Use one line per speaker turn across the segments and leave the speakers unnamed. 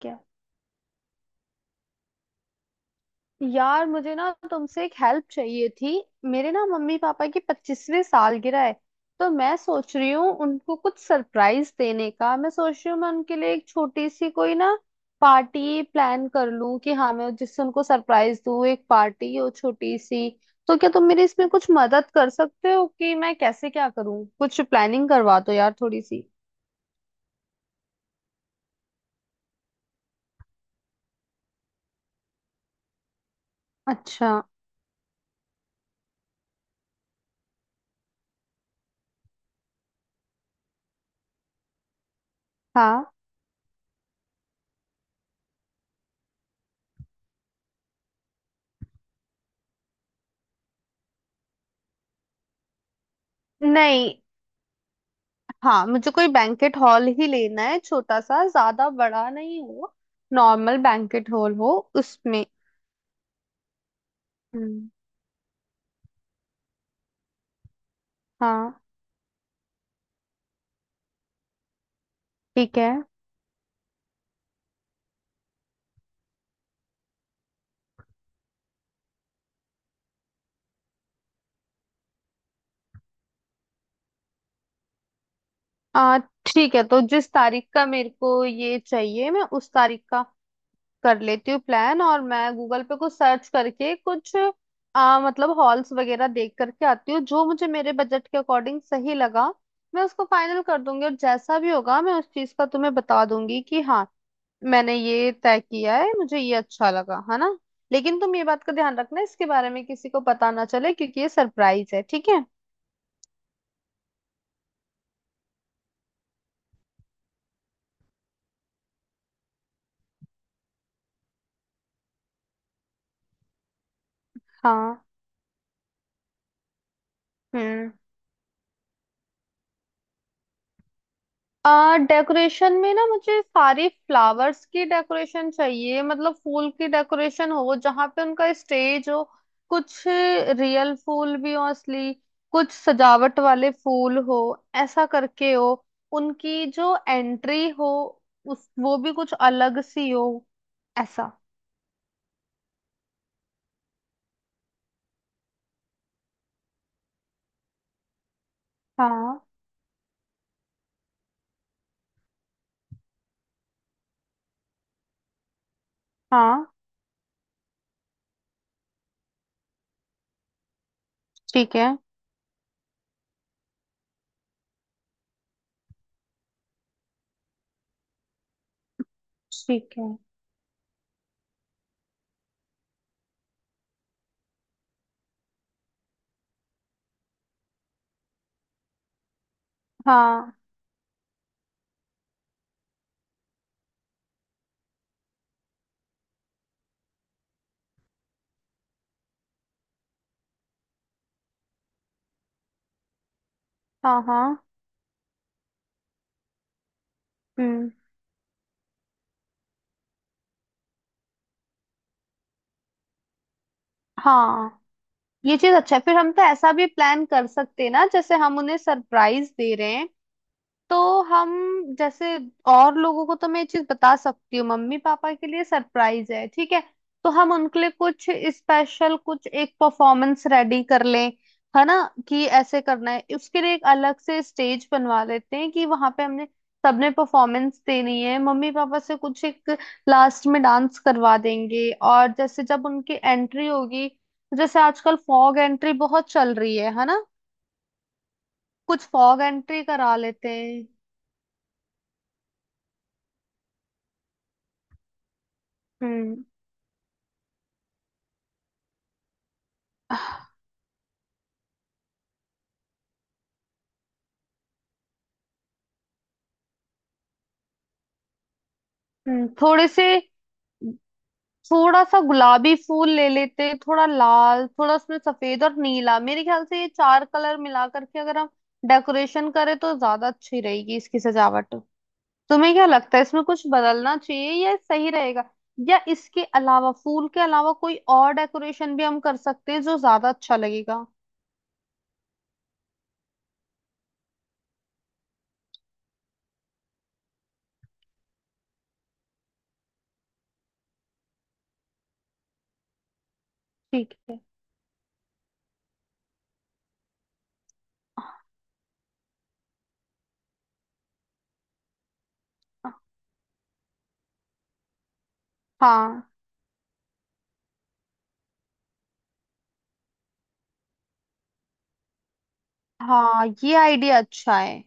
क्या? यार, मुझे ना तुमसे एक हेल्प चाहिए थी। मेरे ना मम्मी पापा की 25वीं सालगिरह है। तो मैं सोच रही हूँ उनको कुछ सरप्राइज देने का। मैं सोच रही हूँ मैं उनके लिए एक छोटी सी कोई ना पार्टी प्लान कर लूँ कि हाँ, मैं जिससे उनको सरप्राइज दूँ, एक पार्टी हो छोटी सी। तो क्या तुम मेरी इसमें कुछ मदद कर सकते हो कि मैं कैसे क्या करूँ? कुछ प्लानिंग करवा दो यार थोड़ी सी। अच्छा। हाँ। नहीं। हाँ, मुझे कोई बैंकेट हॉल ही लेना है, छोटा सा, ज्यादा बड़ा नहीं हो। नॉर्मल बैंकेट हॉल हो उसमें। हम्म। हाँ, ठीक है। आ ठीक है, तो जिस तारीख का मेरे को ये चाहिए, मैं उस तारीख का कर लेती हूँ प्लान। और मैं गूगल पे कुछ सर्च करके कुछ मतलब हॉल्स वगैरह देख करके आती हूँ जो मुझे मेरे बजट के अकॉर्डिंग सही लगा। मैं उसको फाइनल कर दूंगी और जैसा भी होगा मैं उस चीज का तुम्हें बता दूंगी कि हाँ, मैंने ये तय किया है, मुझे ये अच्छा लगा है, ना। लेकिन तुम ये बात का ध्यान रखना, इसके बारे में किसी को पता ना चले, क्योंकि ये सरप्राइज है, ठीक है। हाँ। हम्म। आ डेकोरेशन में ना मुझे सारी फ्लावर्स की डेकोरेशन चाहिए, मतलब फूल की डेकोरेशन हो जहाँ पे उनका स्टेज हो। कुछ रियल फूल भी हो, असली, कुछ सजावट वाले फूल हो, ऐसा करके हो। उनकी जो एंट्री हो उस वो भी कुछ अलग सी हो, ऐसा। हाँ हाँ, ठीक है। ठीक है। हाँ हाँ हाँ। हम्म। हाँ, ये चीज अच्छा है। फिर हम तो ऐसा भी प्लान कर सकते हैं ना, जैसे हम उन्हें सरप्राइज दे रहे हैं, तो हम जैसे और लोगों को तो मैं ये चीज बता सकती हूँ, मम्मी पापा के लिए सरप्राइज है, ठीक है। तो हम उनके लिए कुछ स्पेशल, कुछ एक परफॉर्मेंस रेडी कर लें, है ना? कि ऐसे करना है, उसके लिए एक अलग से स्टेज बनवा लेते हैं कि वहां पे हमने सबने परफॉर्मेंस देनी है, मम्मी पापा से कुछ एक लास्ट में डांस करवा देंगे। और जैसे जब उनकी एंट्री होगी तो जैसे आजकल फॉग एंट्री बहुत चल रही है ना? कुछ फॉग एंट्री करा लेते हैं। हम्म। थोड़े से थोड़ा सा गुलाबी फूल ले लेते, थोड़ा लाल, थोड़ा उसमें सफेद और नीला, मेरे ख्याल से ये चार कलर मिला करके अगर हम डेकोरेशन करें तो ज्यादा अच्छी रहेगी इसकी सजावट। तुम्हें क्या लगता है, इसमें कुछ बदलना चाहिए या सही रहेगा? या इसके अलावा, फूल के अलावा कोई और डेकोरेशन भी हम कर सकते हैं जो ज्यादा अच्छा लगेगा? ठीक है। हाँ। हाँ, ये आइडिया अच्छा है।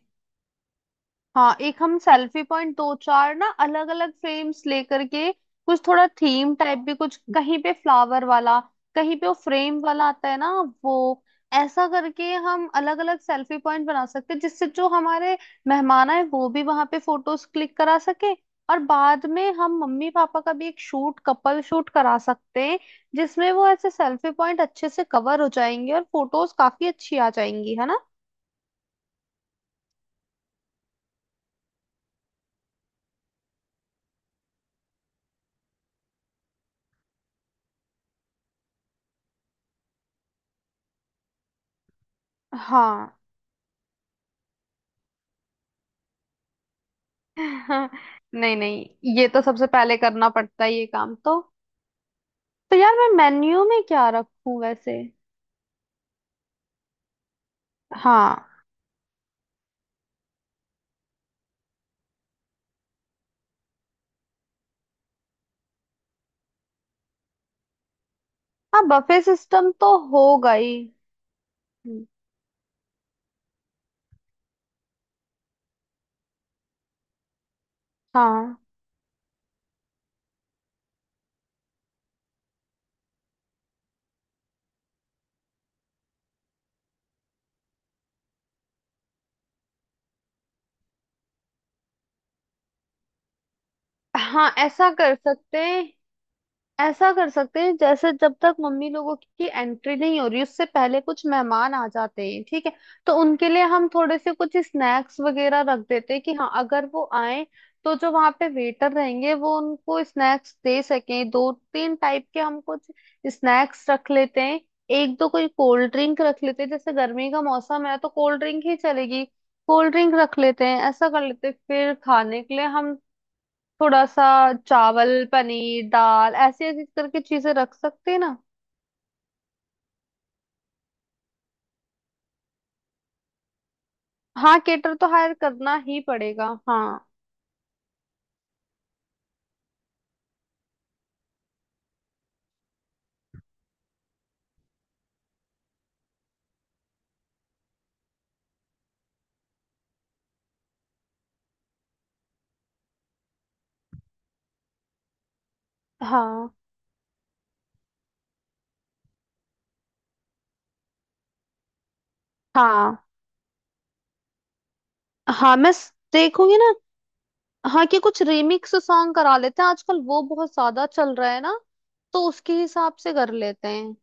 हाँ, एक हम सेल्फी पॉइंट दो चार ना अलग अलग फ्रेम्स लेकर के, कुछ थोड़ा थीम टाइप भी, कुछ कहीं पे फ्लावर वाला, कहीं पे वो फ्रेम वाला आता है ना वो, ऐसा करके हम अलग अलग सेल्फी पॉइंट बना सकते हैं जिससे जो हमारे मेहमान आए वो भी वहां पे फोटोज क्लिक करा सके। और बाद में हम मम्मी पापा का भी एक शूट, कपल शूट करा सकते हैं जिसमें वो ऐसे सेल्फी पॉइंट अच्छे से कवर हो जाएंगे और फोटोज काफी अच्छी आ जाएंगी, है ना? हाँ हाँ, नहीं नहीं, ये तो सबसे पहले करना पड़ता है, ये काम तो। तो यार, मैं मेन्यू में क्या रखूं वैसे? हाँ। हाँ, बफे सिस्टम तो होगा ही। हम्म। हाँ हाँ, ऐसा कर सकते हैं। ऐसा कर सकते हैं, जैसे जब तक मम्मी लोगों की एंट्री नहीं हो रही, उससे पहले कुछ मेहमान आ जाते हैं, ठीक है। तो उनके लिए हम थोड़े से कुछ स्नैक्स वगैरह रख देते हैं कि हाँ, अगर वो आए तो जो वहाँ पे वेटर रहेंगे वो उनको स्नैक्स दे सकें। दो तीन टाइप के हम कुछ स्नैक्स रख लेते हैं, एक दो कोई कोल्ड ड्रिंक रख लेते हैं, जैसे गर्मी का मौसम है तो कोल्ड ड्रिंक ही चलेगी। कोल्ड ड्रिंक रख लेते हैं, ऐसा कर लेते हैं। फिर खाने के लिए हम थोड़ा सा चावल, पनीर, दाल, ऐसी ऐसी करके चीजें रख सकते हैं ना। हाँ, केटर तो हायर करना ही पड़ेगा, हाँ। हाँ हाँ हाँ। मैं देखूंगी ना। हाँ, कि कुछ रिमिक्स सॉन्ग करा लेते हैं, आजकल वो बहुत ज्यादा चल रहा है ना, तो उसके हिसाब से कर लेते हैं।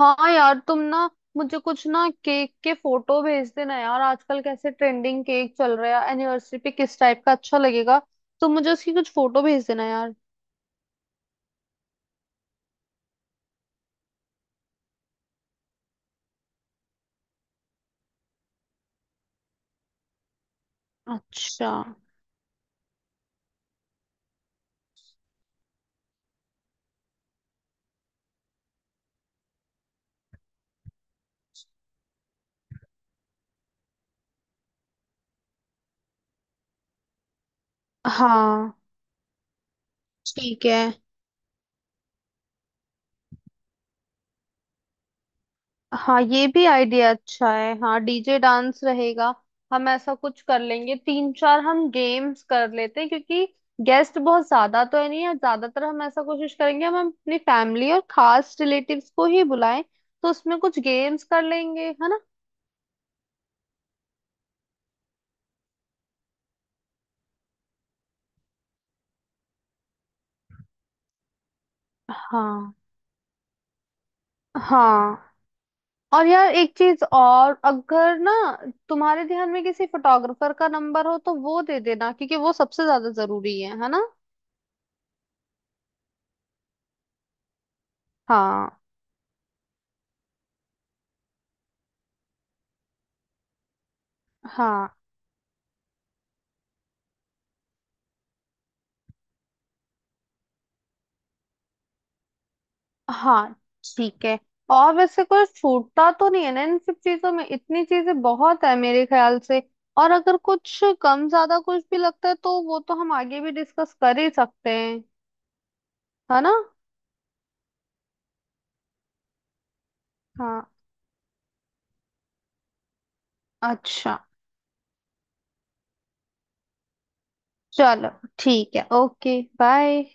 हाँ यार, तुम ना मुझे कुछ ना केक के फोटो भेज देना यार, आजकल कैसे ट्रेंडिंग केक चल रहा है एनिवर्सरी पे, किस टाइप का अच्छा लगेगा। तो मुझे उसकी कुछ फोटो भेज देना यार। अच्छा। हाँ, ठीक है। हाँ, ये भी आइडिया अच्छा है। हाँ, डीजे डांस रहेगा। हम ऐसा कुछ कर लेंगे, तीन चार हम गेम्स कर लेते हैं, क्योंकि गेस्ट बहुत ज्यादा तो है नहीं। है, ज्यादातर हम ऐसा कोशिश करेंगे हम अपनी फैमिली और खास रिलेटिव्स को ही बुलाएं। तो उसमें कुछ गेम्स कर लेंगे, है ना? हाँ हाँ। और यार एक चीज और, अगर ना तुम्हारे ध्यान में किसी फोटोग्राफर का नंबर हो तो वो दे देना, क्योंकि वो सबसे ज्यादा जरूरी है ना? हाँ हाँ हाँ। ठीक है। और वैसे कोई छूटता तो नहीं है ना इन सब चीजों में, इतनी चीजें बहुत है मेरे ख्याल से। और अगर कुछ कम ज्यादा कुछ भी लगता है तो वो तो हम आगे भी डिस्कस कर ही सकते हैं, है ना। हाँ। अच्छा। चलो ठीक है। Okay, bye.